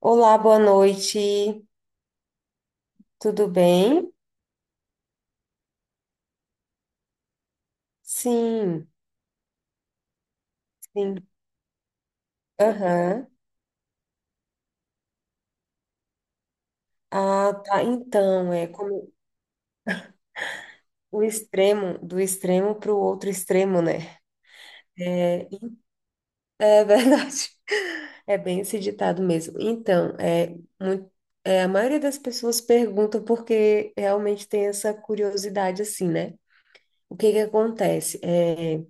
Olá, boa noite. Tudo bem? Sim, sim. Aham. Ah, tá. Então, é como o extremo, do extremo para o outro extremo, né? É, é verdade. É bem esse ditado mesmo. Então, muito, a maioria das pessoas perguntam porque realmente tem essa curiosidade assim, né? O que que acontece? É,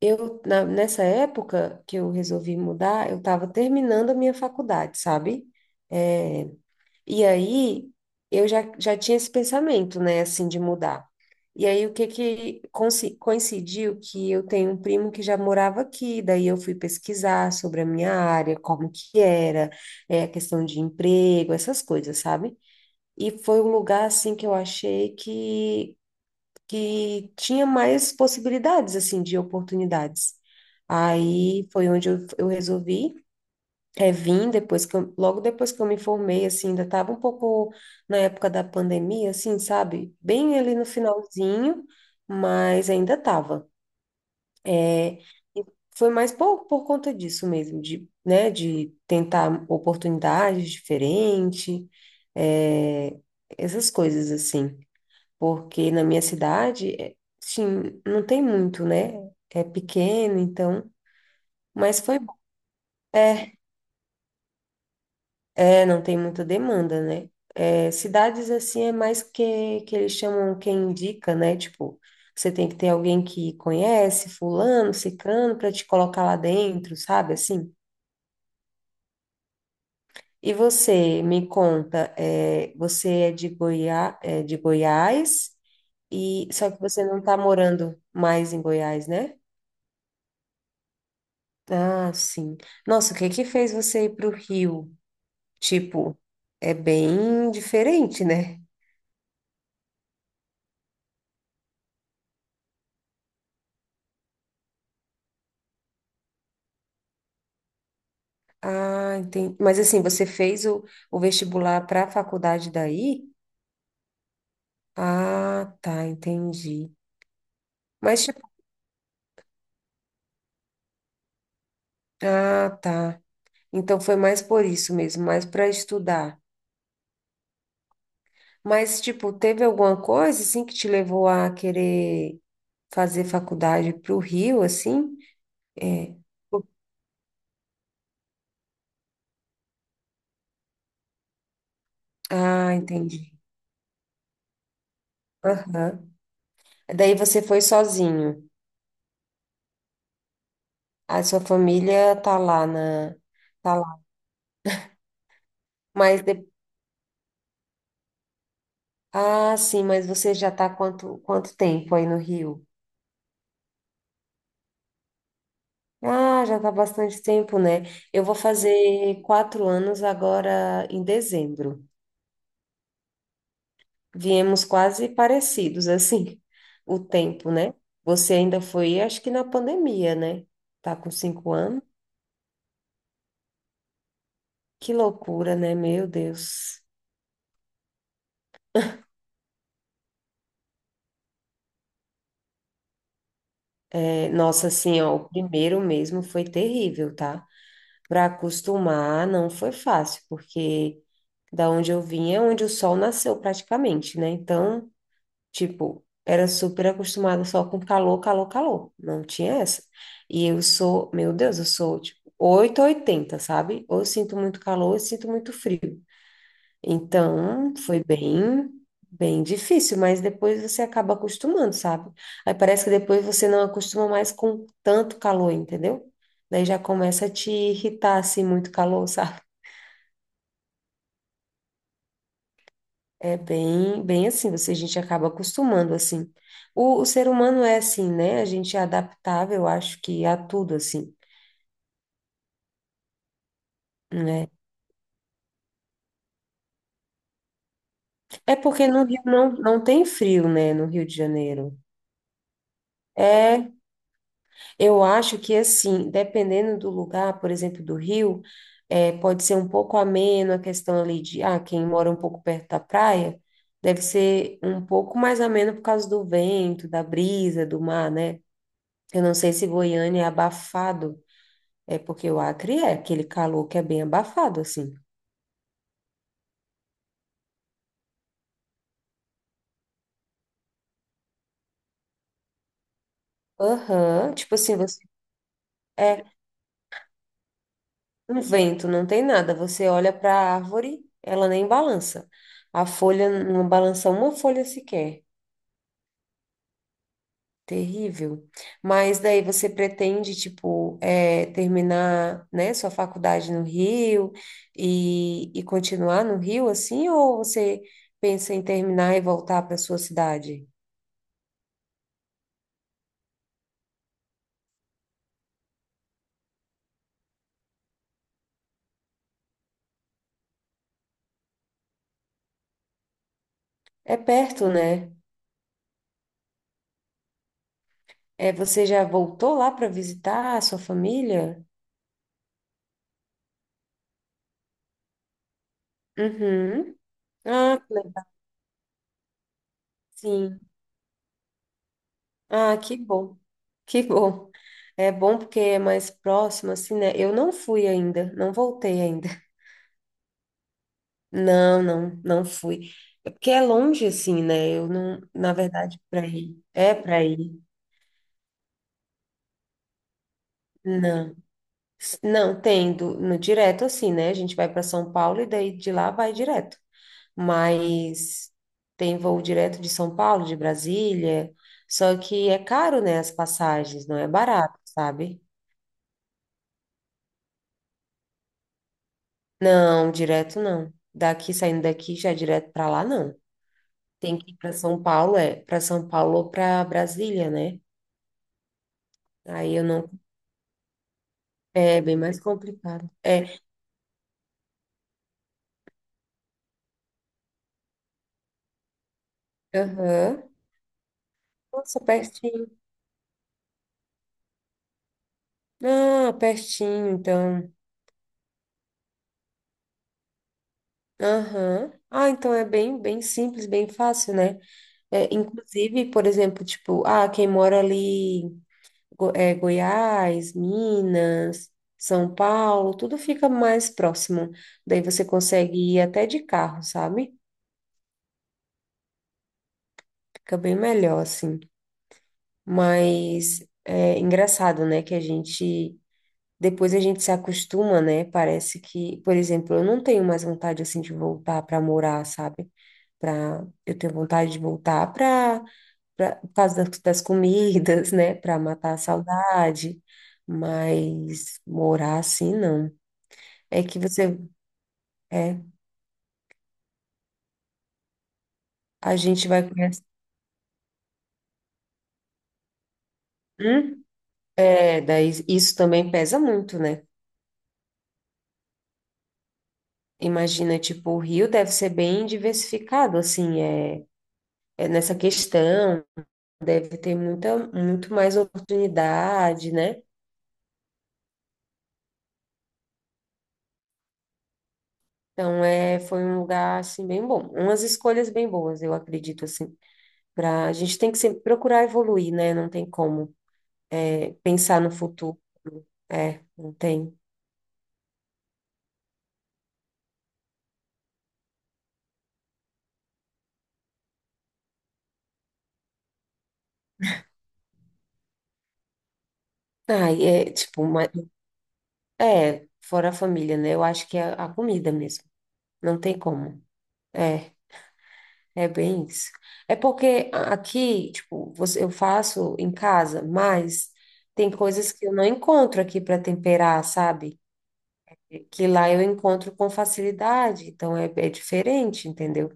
eu, na- Nessa época que eu resolvi mudar, eu estava terminando a minha faculdade, sabe? É, E aí, eu já tinha esse pensamento, né, assim, de mudar. E aí, o que que coincidiu que eu tenho um primo que já morava aqui, daí eu fui pesquisar sobre a minha área, como que era, a questão de emprego, essas coisas, sabe? E foi um lugar, assim, que eu achei que tinha mais possibilidades, assim, de oportunidades. Aí foi onde eu resolvi. É, vim depois que logo depois que eu me formei, assim, ainda estava um pouco na época da pandemia, assim, sabe? Bem ali no finalzinho, mas ainda estava. É, foi mais por conta disso mesmo, de, né, de tentar oportunidades diferentes, é, essas coisas, assim. Porque na minha cidade, é, sim, não tem muito, né? É pequeno, então, mas foi bom. É, É, não tem muita demanda, né? É, cidades assim é mais que eles chamam quem indica, né? Tipo, você tem que ter alguém que conhece, fulano, ciclano, para te colocar lá dentro, sabe? Assim. E você, me conta, é, você é de Goiás, e só que você não está morando mais em Goiás, né? Ah, sim. Nossa, o que que fez você ir para o Rio? Tipo, é bem diferente, né? Ah, entendi. Mas assim, você fez o vestibular para a faculdade daí? Ah, tá, entendi. Mas tipo, ah, tá. Então foi mais por isso mesmo, mais para estudar. Mas tipo, teve alguma coisa assim que te levou a querer fazer faculdade para o Rio, assim? É. Ah, entendi. Aham. Daí você foi sozinho. A sua família tá lá na, tá lá. Mas de- Ah, sim, mas você já está quanto tempo aí no Rio? Ah, já está bastante tempo, né? Eu vou fazer 4 anos agora em dezembro. Viemos quase parecidos, assim, o tempo, né? Você ainda foi, acho que na pandemia, né? Tá com 5 anos? Que loucura, né? Meu Deus. É, nossa, assim, ó, o primeiro mesmo foi terrível, tá? Para acostumar não foi fácil, porque da onde eu vim é onde o sol nasceu praticamente, né? Então, tipo, era super acostumada só com calor, calor, calor. Não tinha essa. E eu sou, meu Deus, eu sou tipo 8 ou 80, sabe? Ou eu sinto muito calor, ou eu sinto muito frio. Então, foi bem, bem difícil, mas depois você acaba acostumando, sabe? Aí parece que depois você não acostuma mais com tanto calor, entendeu? Daí já começa a te irritar, assim, muito calor, sabe? É bem, bem assim, você, a gente acaba acostumando, assim. O ser humano é assim, né? A gente é adaptável, eu acho que a tudo, assim, né? É porque no Rio não tem frio, né? No Rio de Janeiro. É, eu acho que assim, dependendo do lugar, por exemplo, do Rio, pode ser um pouco ameno a questão ali de, ah, quem mora um pouco perto da praia, deve ser um pouco mais ameno por causa do vento, da brisa, do mar, né? Eu não sei se Goiânia é abafado, é porque o Acre é aquele calor que é bem abafado, assim. Aham, tipo assim, você é um vento, não tem nada, você olha para a árvore, ela nem balança. A folha não balança uma folha sequer. Terrível. Mas daí você pretende, tipo, é terminar, né, sua faculdade no Rio e continuar no Rio, assim, ou você pensa em terminar e voltar para sua cidade? É perto, né? É, você já voltou lá para visitar a sua família? Uhum. Ah, que legal. Sim. Ah, que bom. Que bom. É bom porque é mais próximo, assim, né? Eu não fui ainda, não voltei ainda. Não, não, não fui. É porque é longe assim, né? Eu não, na verdade, para ir. É para ir. Não. Não, tem no direto assim, né? A gente vai para São Paulo e daí de lá vai direto. Mas tem voo direto de São Paulo, de Brasília. Só que é caro, né? As passagens, não é barato, sabe? Não, direto não. Daqui, saindo daqui, já direto para lá, não. Tem que ir para São Paulo, é, para São Paulo ou para Brasília, né? Aí eu não É bem mais complicado. É. Aham. Nossa, pertinho. Ah, pertinho, então. Aham. Ah, então é bem, bem simples, bem fácil, né? É, inclusive, por exemplo, tipo, ah, quem mora ali, Goiás, Minas, São Paulo, tudo fica mais próximo. Daí você consegue ir até de carro, sabe? Fica bem melhor, assim. Mas é engraçado, né? Que a gente Depois a gente se acostuma, né? Parece que, por exemplo, eu não tenho mais vontade assim de voltar para morar, sabe? Pra, eu tenho vontade de voltar para por causa das comidas, né? Para matar a saudade, mas morar assim não. É que você é, a gente vai conhecer. Hum? É, daí isso também pesa muito, né? Imagina, tipo, o Rio deve ser bem diversificado, assim, é, é nessa questão. Deve ter muita, muito mais oportunidade, né? Então, foi um lugar, assim, bem bom. Umas escolhas bem boas, eu acredito, assim. Pra, a gente tem que sempre procurar evoluir, né? Não tem como pensar no futuro. É, não tem. Ai, é, tipo, mas, fora a família, né? Eu acho que é a comida mesmo. Não tem como. É, é bem isso. É porque aqui, tipo, você, eu faço em casa, mas tem coisas que eu não encontro aqui para temperar, sabe? Que lá eu encontro com facilidade, então é, é diferente, entendeu?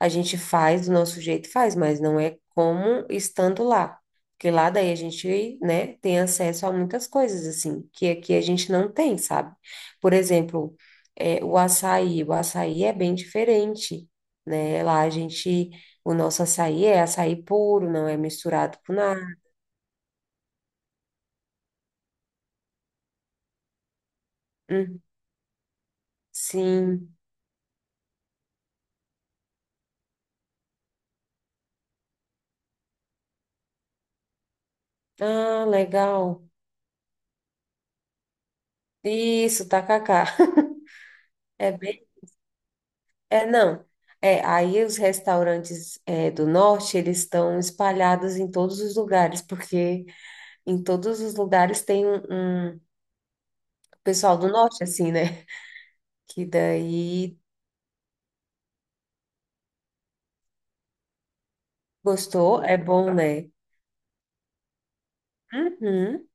A gente faz do nosso jeito, faz, mas não é como estando lá, porque lá daí a gente, né, tem acesso a muitas coisas, assim, que aqui a gente não tem, sabe? Por exemplo, o açaí é bem diferente, né? Lá a gente, o nosso açaí é açaí puro, não é misturado com nada. Hum, sim. Ah, legal. Isso, tacacá. É É, não. É, aí os restaurantes do norte, eles estão espalhados em todos os lugares, porque em todos os lugares tem um, pessoal do norte, assim, né? Que daí gostou, é bom, né? Uhum.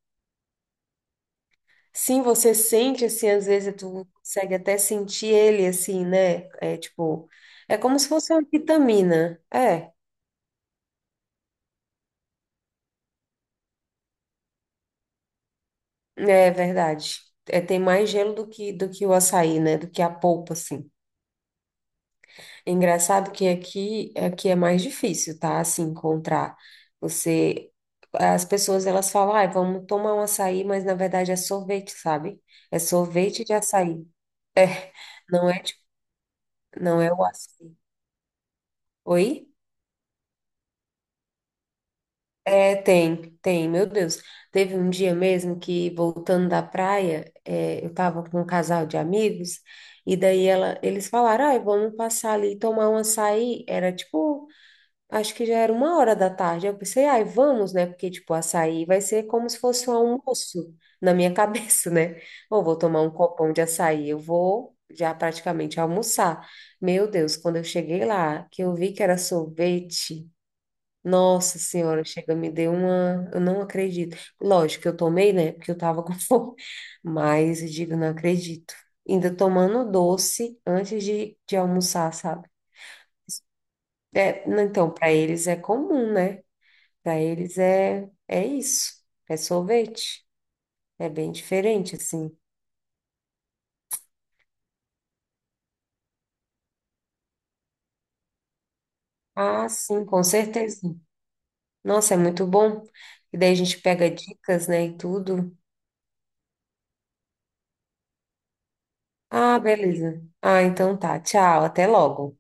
Sim, você sente, assim, às vezes tu consegue até sentir ele, assim, né? É tipo, é como se fosse uma vitamina. É, é verdade. É, tem mais gelo do que o açaí, né? Do que a polpa, assim. Engraçado que aqui, aqui é mais difícil, tá? Assim, encontrar. Você, as pessoas, elas falam, ah, vamos tomar um açaí, mas na verdade é sorvete, sabe? É sorvete de açaí. É, Não é, tipo- não é o açaí. Oi? É, tem, meu Deus. Teve um dia mesmo que, voltando da praia, eu tava com um casal de amigos, e daí ela, eles falaram, ah, vamos passar ali e tomar um açaí. Era tipo Acho que já era 1 hora da tarde. Eu pensei, ai, vamos, né? Porque, tipo, açaí vai ser como se fosse um almoço na minha cabeça, né? Ou vou tomar um copão de açaí, eu vou já praticamente almoçar. Meu Deus, quando eu cheguei lá, que eu vi que era sorvete, nossa senhora, chega, me deu uma. Eu não acredito. Lógico que eu tomei, né? Porque eu tava com fome. Mas eu digo, não acredito. Ainda tomando doce antes de almoçar, sabe? É, não, então, para eles é comum, né? Para eles é, é isso, é sorvete. É bem diferente, assim. Ah, sim, com certeza. Nossa, é muito bom. E daí a gente pega dicas, né, e tudo. Ah, beleza. Ah, então tá. Tchau, até logo.